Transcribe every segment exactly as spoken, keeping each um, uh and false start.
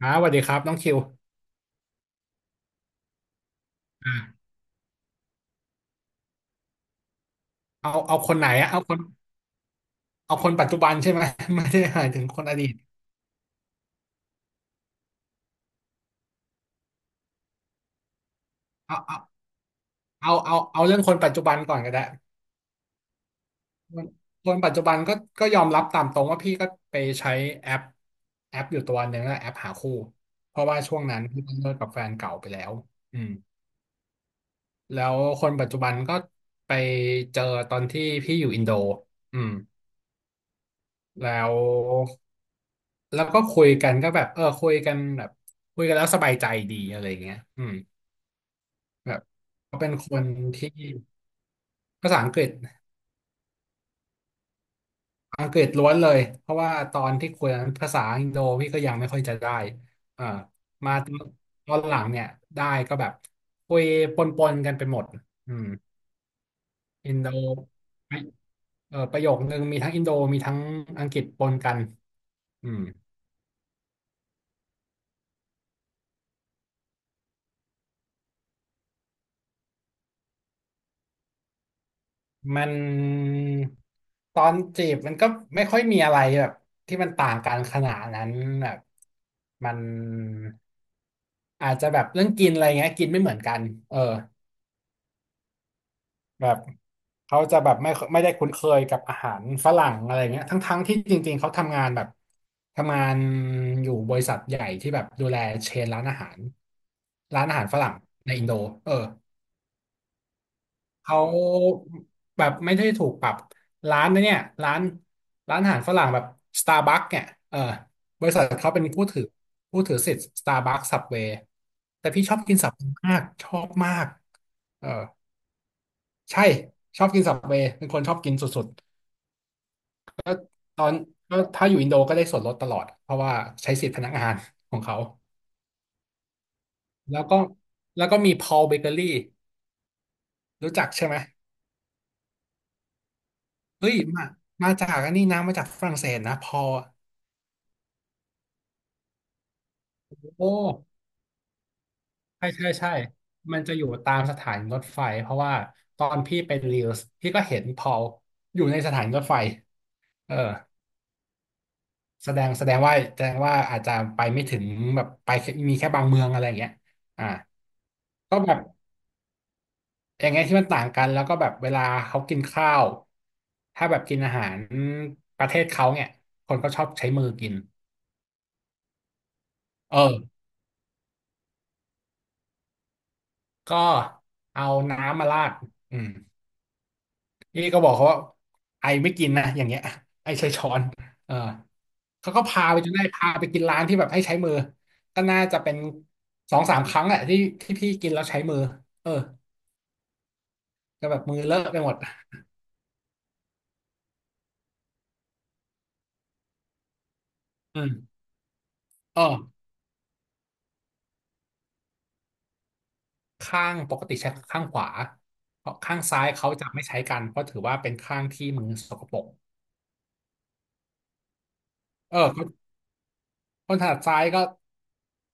อ่าสวัสดีครับน้องคิวอ่าเอาเอาคนไหนอะเอาคนเอาคนปัจจุบันใช่ไหม ไม่ได้หมายถึงคนอดีตเอาเอาเอาเอาเอาเรื่องคนปัจจุบันก่อนก็ได้คนคนปัจจุบันก็ก็ยอมรับตามตรงว่าพี่ก็ไปใช้แอปแอปอยู่ตัวหนึ่งอะแอปหาคู่เพราะว่าช่วงนั้นพี่เลิกกับแฟนเก่าไปแล้วอืมแล้วคนปัจจุบันก็ไปเจอตอนที่พี่อยู่อินโดอืมแล้วแล้วก็คุยกันก็แบบเออคุยกันแบบคุยกันแล้วสบายใจดีอะไรเงี้ยอืม แบบเขาเป็นคนที่ภาษาอังกฤษอังกฤษล้วนเลยเพราะว่าตอนที่คุยนั้นภาษาอินโดพี่ก็ยังไม่ค่อยจะได้เอ่อมาตอนหลังเนี่ยได้ก็แบบคุยปนๆกันไปหมดอืมอินโดเอ่อประโยคนึงมีทั้งอินโดมีทั้งอังกฤษปนกันอืม มันตอนจีบมันก็ไม่ค่อยมีอะไรแบบที่มันต่างกันขนาดนั้นแบบมันอาจจะแบบเรื่องกินอะไรเงี้ยกินไม่เหมือนกันเออแบบเขาจะแบบไม่ไม่ได้คุ้นเคยกับอาหารฝรั่งอะไรเงี้ยทั้งทั้งที่จริงๆเขาทำงานแบบทำงานอยู่บริษัทใหญ่ที่แบบดูแลเชนร้านอาหารร้านอาหารฝรั่งในอินโดเออ เขาแบบไม่ได้ถูกปรับร้านนะเนี่ยร้านร้านอาหารฝรั่งแบบสตาร์บัคเนี่ยเออบริษัทเขาเป็นผู้ถือผู้ถือสิทธิ์สตาร์บัคสับเวย์แต่พี่ชอบกินสับมากชอบมากเออใช่ชอบกินสับเวย์เป็นคนชอบกินสุดๆแล้วตอนแล้วถ้าอยู่อินโดก็ได้ส่วนลดตลอดเพราะว่าใช้สิทธิ์พนักงานของเขาแล้วก็แล้วก็มีพอลเบเกอรี่รู้จักใช่ไหมเฮ้ยมามาจากอันนี้นะมาจากฝรั่งเศสนะพอโอ้ ใช่ใช่ใช่มันจะอยู่ตามสถานีรถไฟเพราะว่าตอนพี่เป็นรีลส์พี่ก็เห็นพอลอยู่ในสถานีรถไฟเออแสดงแสดงว่าแสดงว่าอาจจะไปไม่ถึงแบบไปแค่มีแค่บางเมืองอะไรอย่างเงี้ยอ่าก็แบบอย่างเงี้ยที่มันต่างกันแล้วก็แบบเวลาเขากินข้าวถ้าแบบกินอาหารประเทศเขาเนี่ยคนก็ชอบใช้มือกินเออก็เอาน้ำมาราดอืม พี่ก็บอกเขาว่าไอไม่กินนะอย่างเงี้ย ไอใช้ช้อนเออเขาก็พาไปจนได้พาไปกินร้านที่แบบให้ใช้มือก็น่าจะเป็นสองสามครั้งแหละที่ที่พี่กินแล้วใช้มือเออก็แบบมือเลอะไปหมดอืมเออข้างปกติใช้ข้างขวาเพราะข้างซ้ายเขาจะไม่ใช้กันเพราะถือว่าเป็นข้างที่มือสกปรกเออ คนถนัดซ้ายก็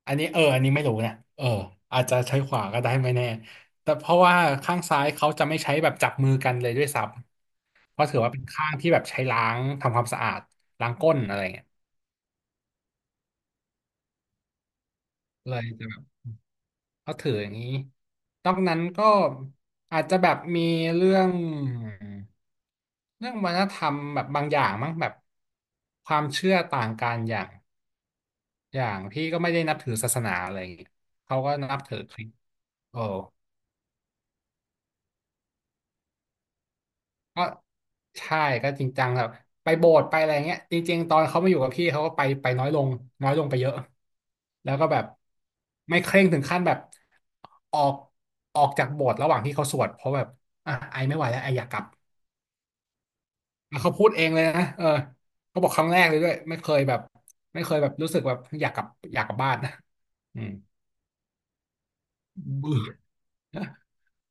อันนี้เอออันนี้ไม่รู้เนี่ยเอออาจจะใช้ขวาก็ได้ไม่แน่แต่เพราะว่าข้างซ้ายเขาจะไม่ใช้แบบจับมือกันเลยด้วยซ้ำเพราะถือว่าเป็นข้างที่แบบใช้ล้างทำความสะอาดล้างก้นอะไรเงี้ยเลยจะแบบเขาถืออย่างนี้นอกนั้นก็อาจจะแบบมีเรื่องเรื่องวัฒนธรรมแบบบางอย่างมั้งแบบความเชื่อต่างกันอย่างอย่างพี่ก็ไม่ได้นับถือศาสนาอะไรอย่างเงี้ยเขาก็นับถือคริสต์โอ้ ก็ใช่ก็จริงจังแบบไปโบสถ์ไปอะไรเงี้ยจริงๆตอนเขามาอยู่กับพี่เขาก็ไปไปน้อยลงน้อยลงไปเยอะแล้วก็แบบไม่เคร่งถึงขั้นแบบออกออกจากโบสถ์ระหว่างที่เขาสวดเพราะแบบอ่ะไอไม่ไหวแล้วไออยากกลับแล้วเขาพูดเองเลยนะเออเขาบอกครั้งแรกเลยด้วยไม่เคยแบบไม่เคยแบบรู้สึกแบบอยากกลับอยากกลับบ้าน นะอืมเบื่อ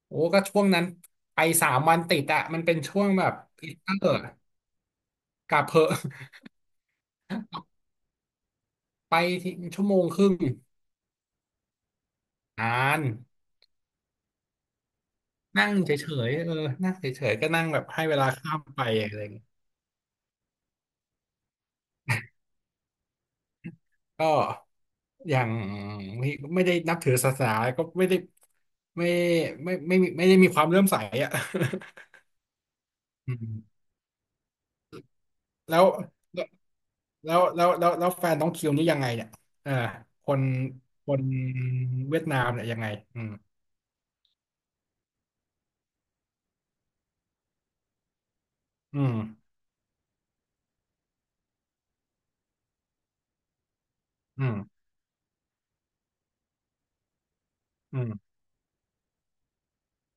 โอ้ก็ช่วงนั้นไปสามวันติดอะมันเป็นช่วงแบบอิสเตอร์กลับเพอะ ไปที่ชั่วโมงครึ่งนานนั่งเฉยๆเออนั่งเฉยๆก็นั่งแบบให้เวลาข้ามไปอะไรอย่างเงี้ยก็อย่างไม่ไม่ได้นับถือศาสนาก็ไม่ได้ไม่ไม่ไม่ไม่ไม่ได้มีความเลื่อมใสอ่ะ อืมแล้วแล้วแล้วแล้วแล้วแฟนน้องคิวนี่ยังไงเนี่ยเออคนคนเวียดนามเนี่ยยังไงอืมอืมอืมอืม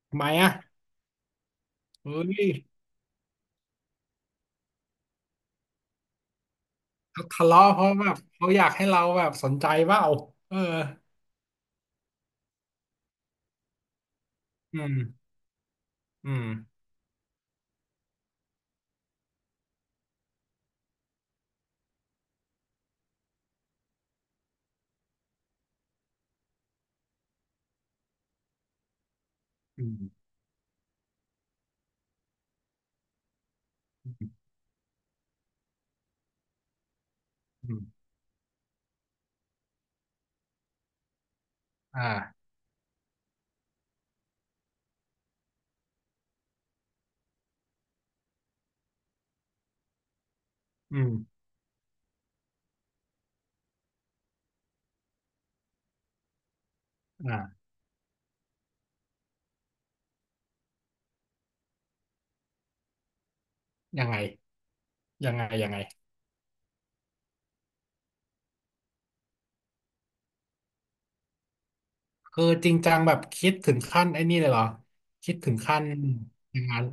ทำไมอ่ะเฮ้ย เขาทะเลาะเพราะแบบเขาอยากให้เราแบบสนใจเปล่าเอออืมอืมอืมอืมอ่าอืมอ่ายังไงยังไงยังไงคือจริงจังแบบคิดถึงขั้นไอ้นี่เลยเหรอคิดถึงขั้นอย่างนั้น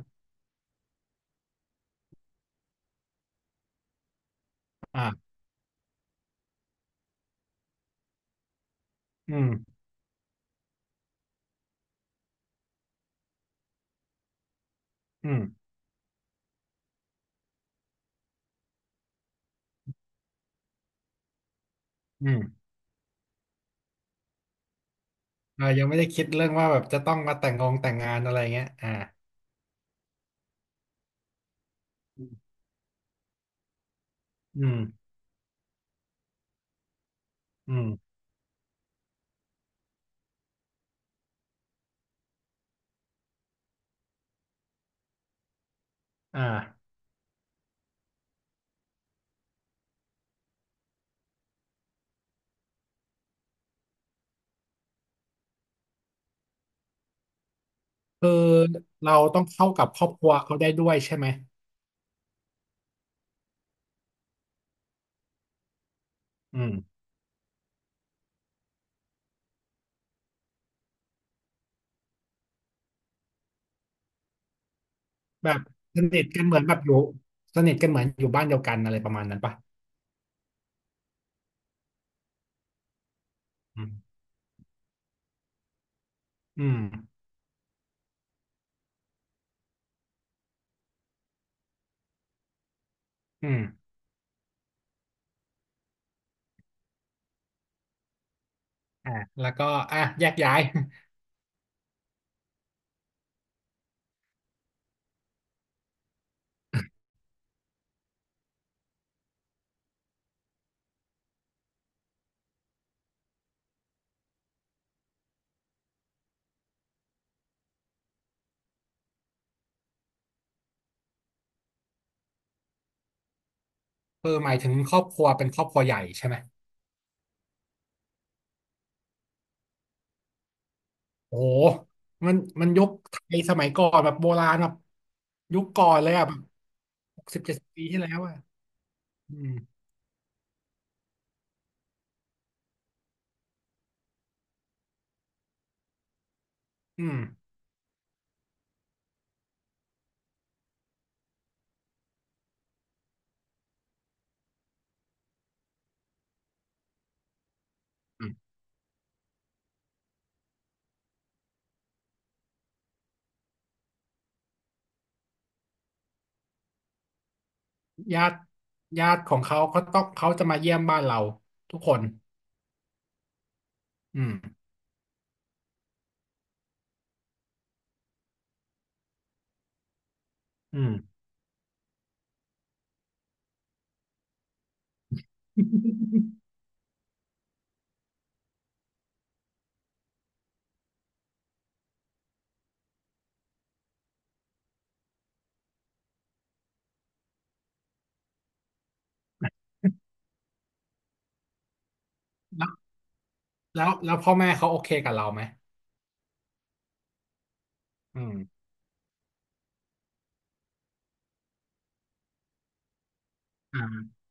อ่าอืมอืมอืมอ่ายังไม่ได้คิดเรื่องว่าแบบจะต้องมาแต่งงงแต่งงานอะไรเงี้ยอ่าอืมอืมอ่าคือเราต้องเข้ากับครอบครัวเขาได้ด้วยใช่ไหมอืม แบบสนิทกันเหมือนแบบอยู่สนิทกันเหมือนอยู่บ้านเดียวกันอะไรประมาณนั้นป่ะอืมอืมอืมอ่ะแล้วก็อ่ะแยกย้าย คออหมายถึงครอบครัวเป็นครอบครัวใหญ่ใช่ไหม โอ้โหมันมันยุคไทยสมัยก่อนแบบโบราณแบบยุคก่อนเลยอ่ะแบบหกสิบเจ็ดสิบปีที่แล้วอ่ะอืมอืมอืมญาติญาติของเขาเขาต้องเขาจะมาเยี่ยมบ้านเราทุกคนอืมอืม แล้วแล้วแล้วพ่อแม่เขาโอเคกับเราไหมอืม อ่า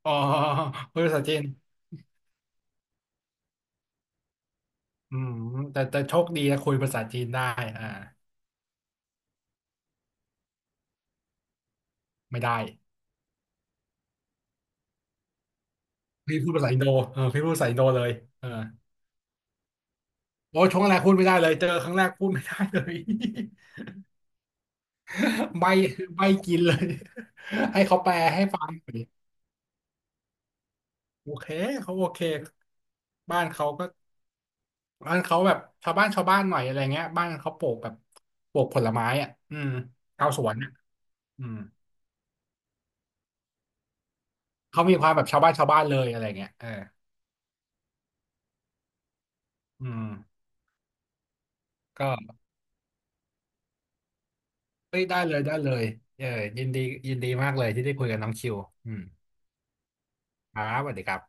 อ๋อพูดภาษาจีนอืมแต่แต่โชคดีนะคุยภาษาจีนได้อ่าไม่ได้พี่พูดภาษาอินโดเออพี่พูดภาษาอินโดเลยเออโอ้ช่วงแรกพูดไม่ได้เลยเจอครั้งแรกพูดไม่ได้เลย ไม่ไม่กินเลย ให้เขาแปลให้ฟังหน่อยโอเคเขาโอเคบ้านเขาก็บ้านเขาแบบชาวบ้านชาวบ้านหน่อยอะไรเงี้ยบ้านเขาปลูกแบบปลูกผลไม้อ่ะอืมชาวสวนอ่ะอืมเขามีความแบบชาวบ้านชาวบ้านเลยอะไรเงี้ยเอออืมก็ เฮ้ยได้เลยได้เลยเออยินดียินดีมากเลยที่ได้คุยกับน้องคิวอืมครับสวัสดีครับ